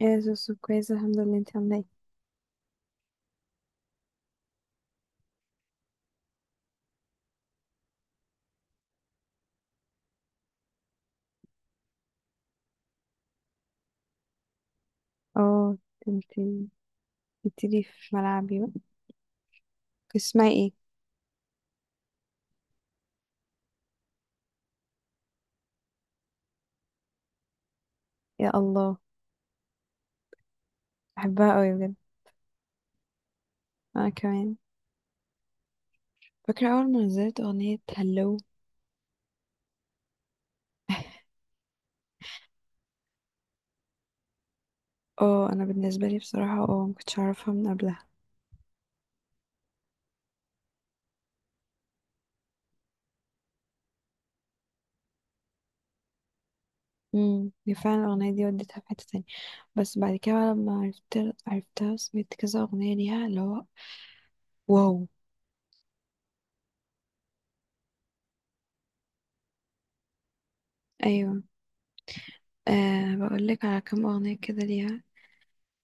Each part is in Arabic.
يا زوزو، كويسة الحمد لله، انت عاملة ايه؟ اه، انت بتبتدي في ملعبي بقى، اسمعي ايه؟ يا الله، بحبها قوي بجد. انا كمان. فاكرة اول ما نزلت اغنية هلو. اه، انا بالنسبة لي بصراحة مكنتش اعرفها من قبلها. هي فعلا الاغنية دي وديتها في حتة تانية. بس بعد كده بقى لما عرفتها سمعت كذا اغنية ليها اللي هو واو. ايوه. أه، بقول لك على كام اغنية كده ليها.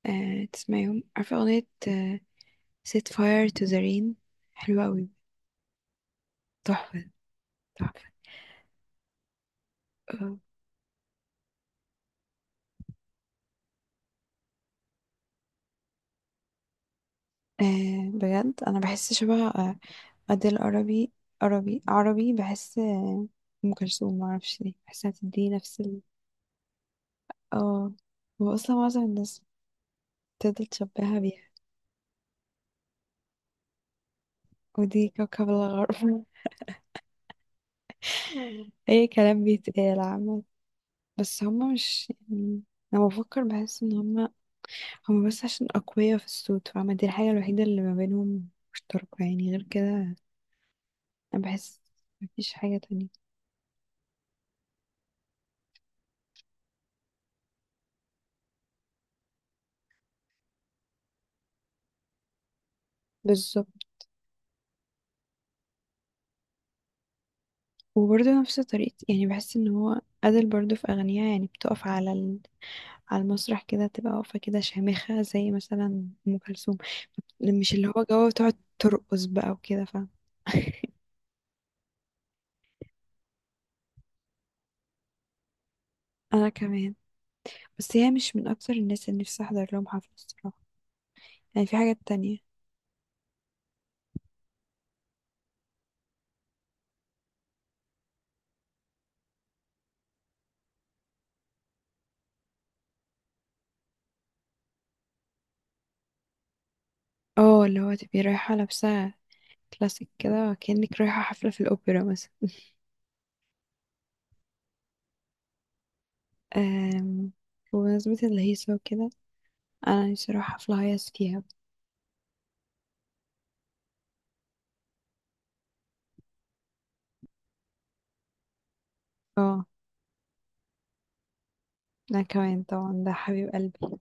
أه، تسمعيهم؟ عارفة اغنية set fire to the rain؟ حلوة أوي، تحفة. تحفة. آه، آه، بجد انا بحس شبه اديل. عربي، عربي عربي، بحس ام كلثوم، معرفش ليه بحسها تدي نفس ال. اه، واصلا معظم الناس بتفضل تشبهها بيها. ودي كوكب الغرب. اي كلام بيتقال عامة. بس هما مش يعني، لما بفكر بحس ان هما بس عشان اقوياء في الصوت، فاهمة؟ دي الحاجة الوحيدة اللي ما بينهم مشتركة يعني، غير كده انا بحس مفيش حاجة تانية. بالظبط. وبرضه نفس طريقة يعني، بحس ان هو أدل برضه في أغانيها يعني بتقف على ال، على المسرح كده تبقى واقفة كده شامخة زي مثلا أم كلثوم، مش اللي هو جو تقعد ترقص بقى وكده، فاهم؟ أنا كمان. بس هي مش من أكتر الناس اللي نفسي أحضر لهم حفلة الصراحة، يعني في حاجات تانية. اه، اللي هو تبقي رايحة لابسة كلاسيك كده، وكأنك رايحة حفلة في الأوبرا مثلا. أم... بمناسبة الهيصة وكده، أنا نفسي أروح حفلة هيص فيها. اه، انا كمان طبعا، ده حبيب قلبي.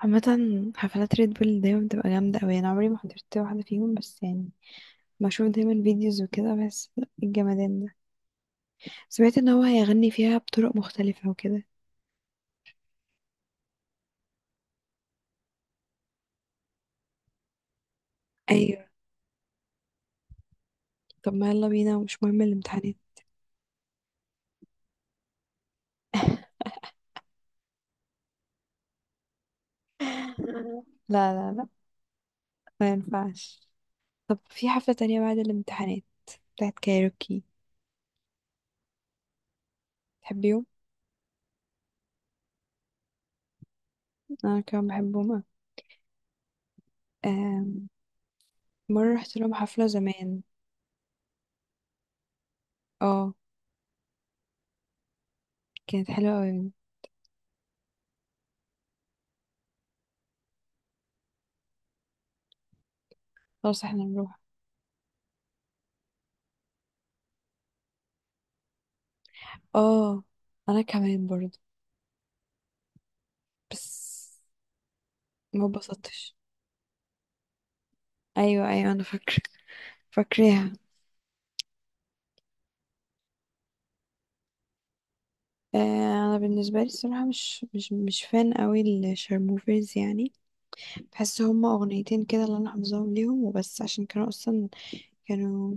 عامة حفلات ريد بول دايما بتبقى جامدة اوي، انا عمري ما حضرت واحدة فيهم بس، يعني بشوف دايما فيديوز وكده بس. الجمدان ده سمعت ان هو هيغني فيها بطرق مختلفة وكده. ايوه، طب ما يلا بينا ومش مهم الامتحانات. لا، لا، لا، ما ينفعش. طب في حفلة تانية بعد الامتحانات بتاعت كايروكي، تحبيهم؟ أنا كمان بحبهم أوي. آم، مرة رحت لهم حفلة زمان. اه، كانت حلوة أوي. خلاص احنا نروح. اه، انا كمان برضو، بس ما اتبسطتش. ايوه، ايوه، انا فاكراها. آه انا بالنسبه لي الصراحه مش فان قوي الشرموفرز يعني. بحس هما اغنيتين كده اللي انا حافظاهم ليهم وبس، عشان كانوا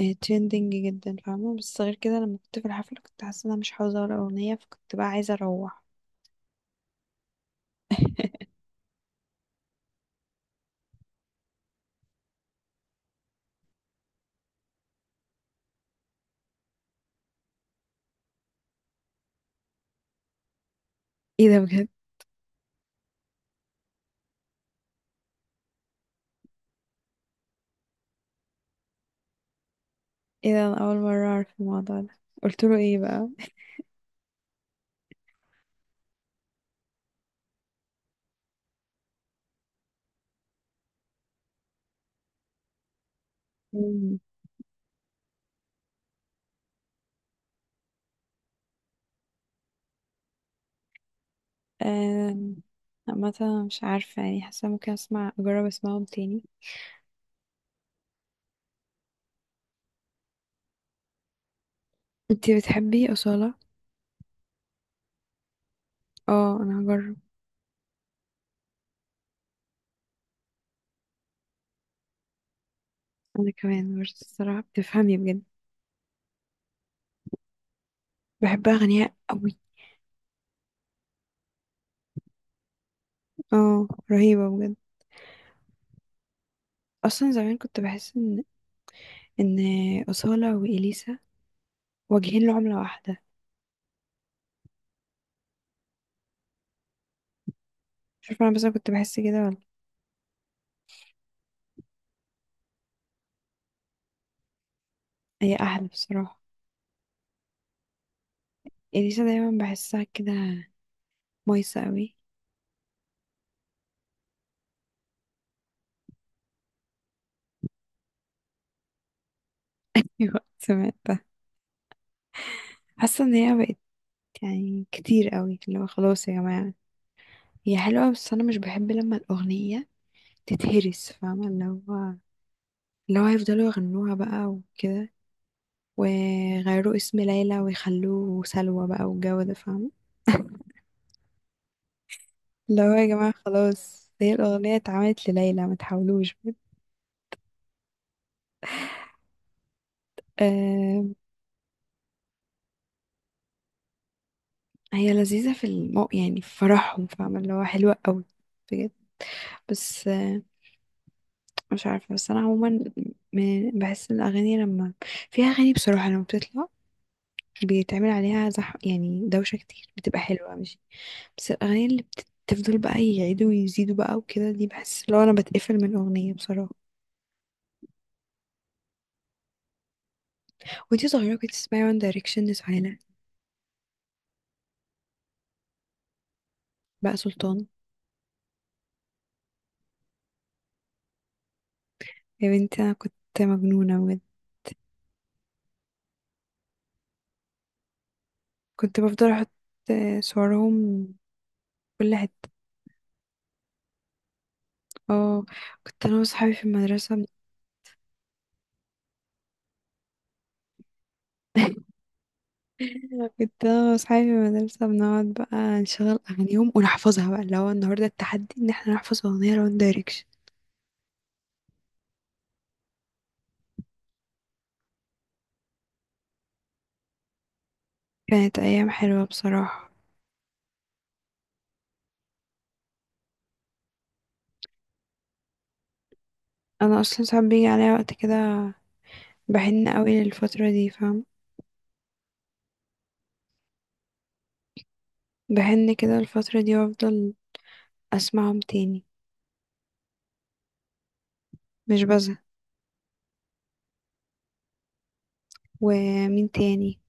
ترندنج جدا، فاهمه؟ بس غير كده لما كنت في الحفله كنت حاسه ان انا مش حافظه ولا اغنيه، فكنت بقى عايزه اروح. ايه ده، بجد؟ ايه ده، انا اول مره اعرف الموضوع ده. قلت له ايه بقى؟ آم، عامة مش عارفة يعني، حاسة ممكن اجرب اسمعهم تاني. انتي بتحبي أصالة؟ اه، انا هجرب. انا كمان برضه الصراحة بتفهمي بجد، بحب اغانيها قوي. اه، رهيبة بجد. اصلا زمان كنت بحس ان أصالة وإليسا واجهين لعملة واحدة. مش عارفة، انا بس أنا كنت بحس كده ولا. هي احلى بصراحة، إليسا دايما بحسها كده مايسة قوي. وقت سمعتها، حاسة ان هي بقت يعني كتير قوي اللي هو خلاص يا جماعة. هي حلوة بس أنا مش بحب لما الأغنية تتهرس، فاهمة؟ اللي هو هيفضلوا يغنوها بقى وكده، ويغيروا اسم ليلى ويخلوه سلوى بقى، والجو ده، فاهمة؟ اللي هو يا جماعة خلاص، هي الأغنية اتعملت لليلى، ما تحاولوش بجد. آه، هي لذيذة في المو يعني، في فرحهم، فاهمة؟ اللي هو حلوة قوي بجد. بس مش عارفة، بس أنا عموما بحس إن الأغاني لما، في أغاني بصراحة لما بتطلع بيتعمل عليها زح يعني، دوشة كتير بتبقى حلوة مش. بس الأغاني اللي بتفضل بقى يعيدوا ويزيدوا بقى وكده دي، بحس لو أنا بتقفل من أغنية بصراحة. وانتي صغيرة كنت تسمعي وان دايركشن لسهيلة. بقى سلطان. يا بنتي أنا كنت مجنونة بجد، كنت بفضل أحط صورهم كل حتة. اه، كنت أنا وصحابي في المدرسة. كنت أنا وصحابي في المدرسة بنقعد بقى نشغل أغانيهم ونحفظها بقى، اللي هو النهاردة التحدي إن احنا نحفظ أغنية لوان دايركشن. كانت أيام حلوة بصراحة. أنا أصلا ساعات بيجي عليا وقت كده بحن قوي للفترة دي، فاهم؟ بحن كده الفترة دي وافضل اسمعهم تاني، مش بزهق. ومين تاني؟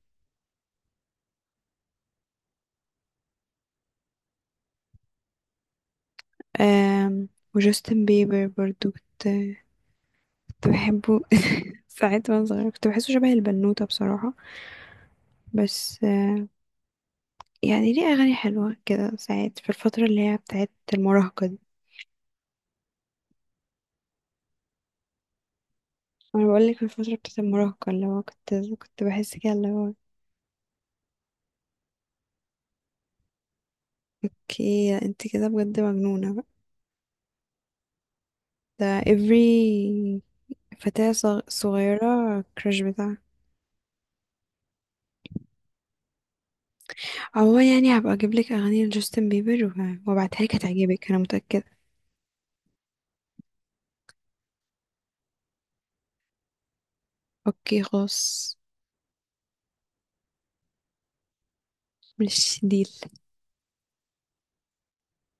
آم وجاستن بيبر برضو كنت بحبه. ساعات وانا صغيرة كنت بحسه شبه البنوتة بصراحة. بس يعني ليه أغاني حلوة كده ساعات في الفترة اللي هي بتاعت المراهقة دي. أنا بقولك في الفترة بتاعت المراهقة اللي هو كنت بحس كده اللي هو. اوكي، انت كده بجد مجنونة بقى. ده every فتاة صغيرة كراش بتاعها. عموما يعني هبقى اجيب لك اغاني لجاستن بيبر وابعتها لك، هتعجبك انا متأكدة. اوكي خلاص. مش ديل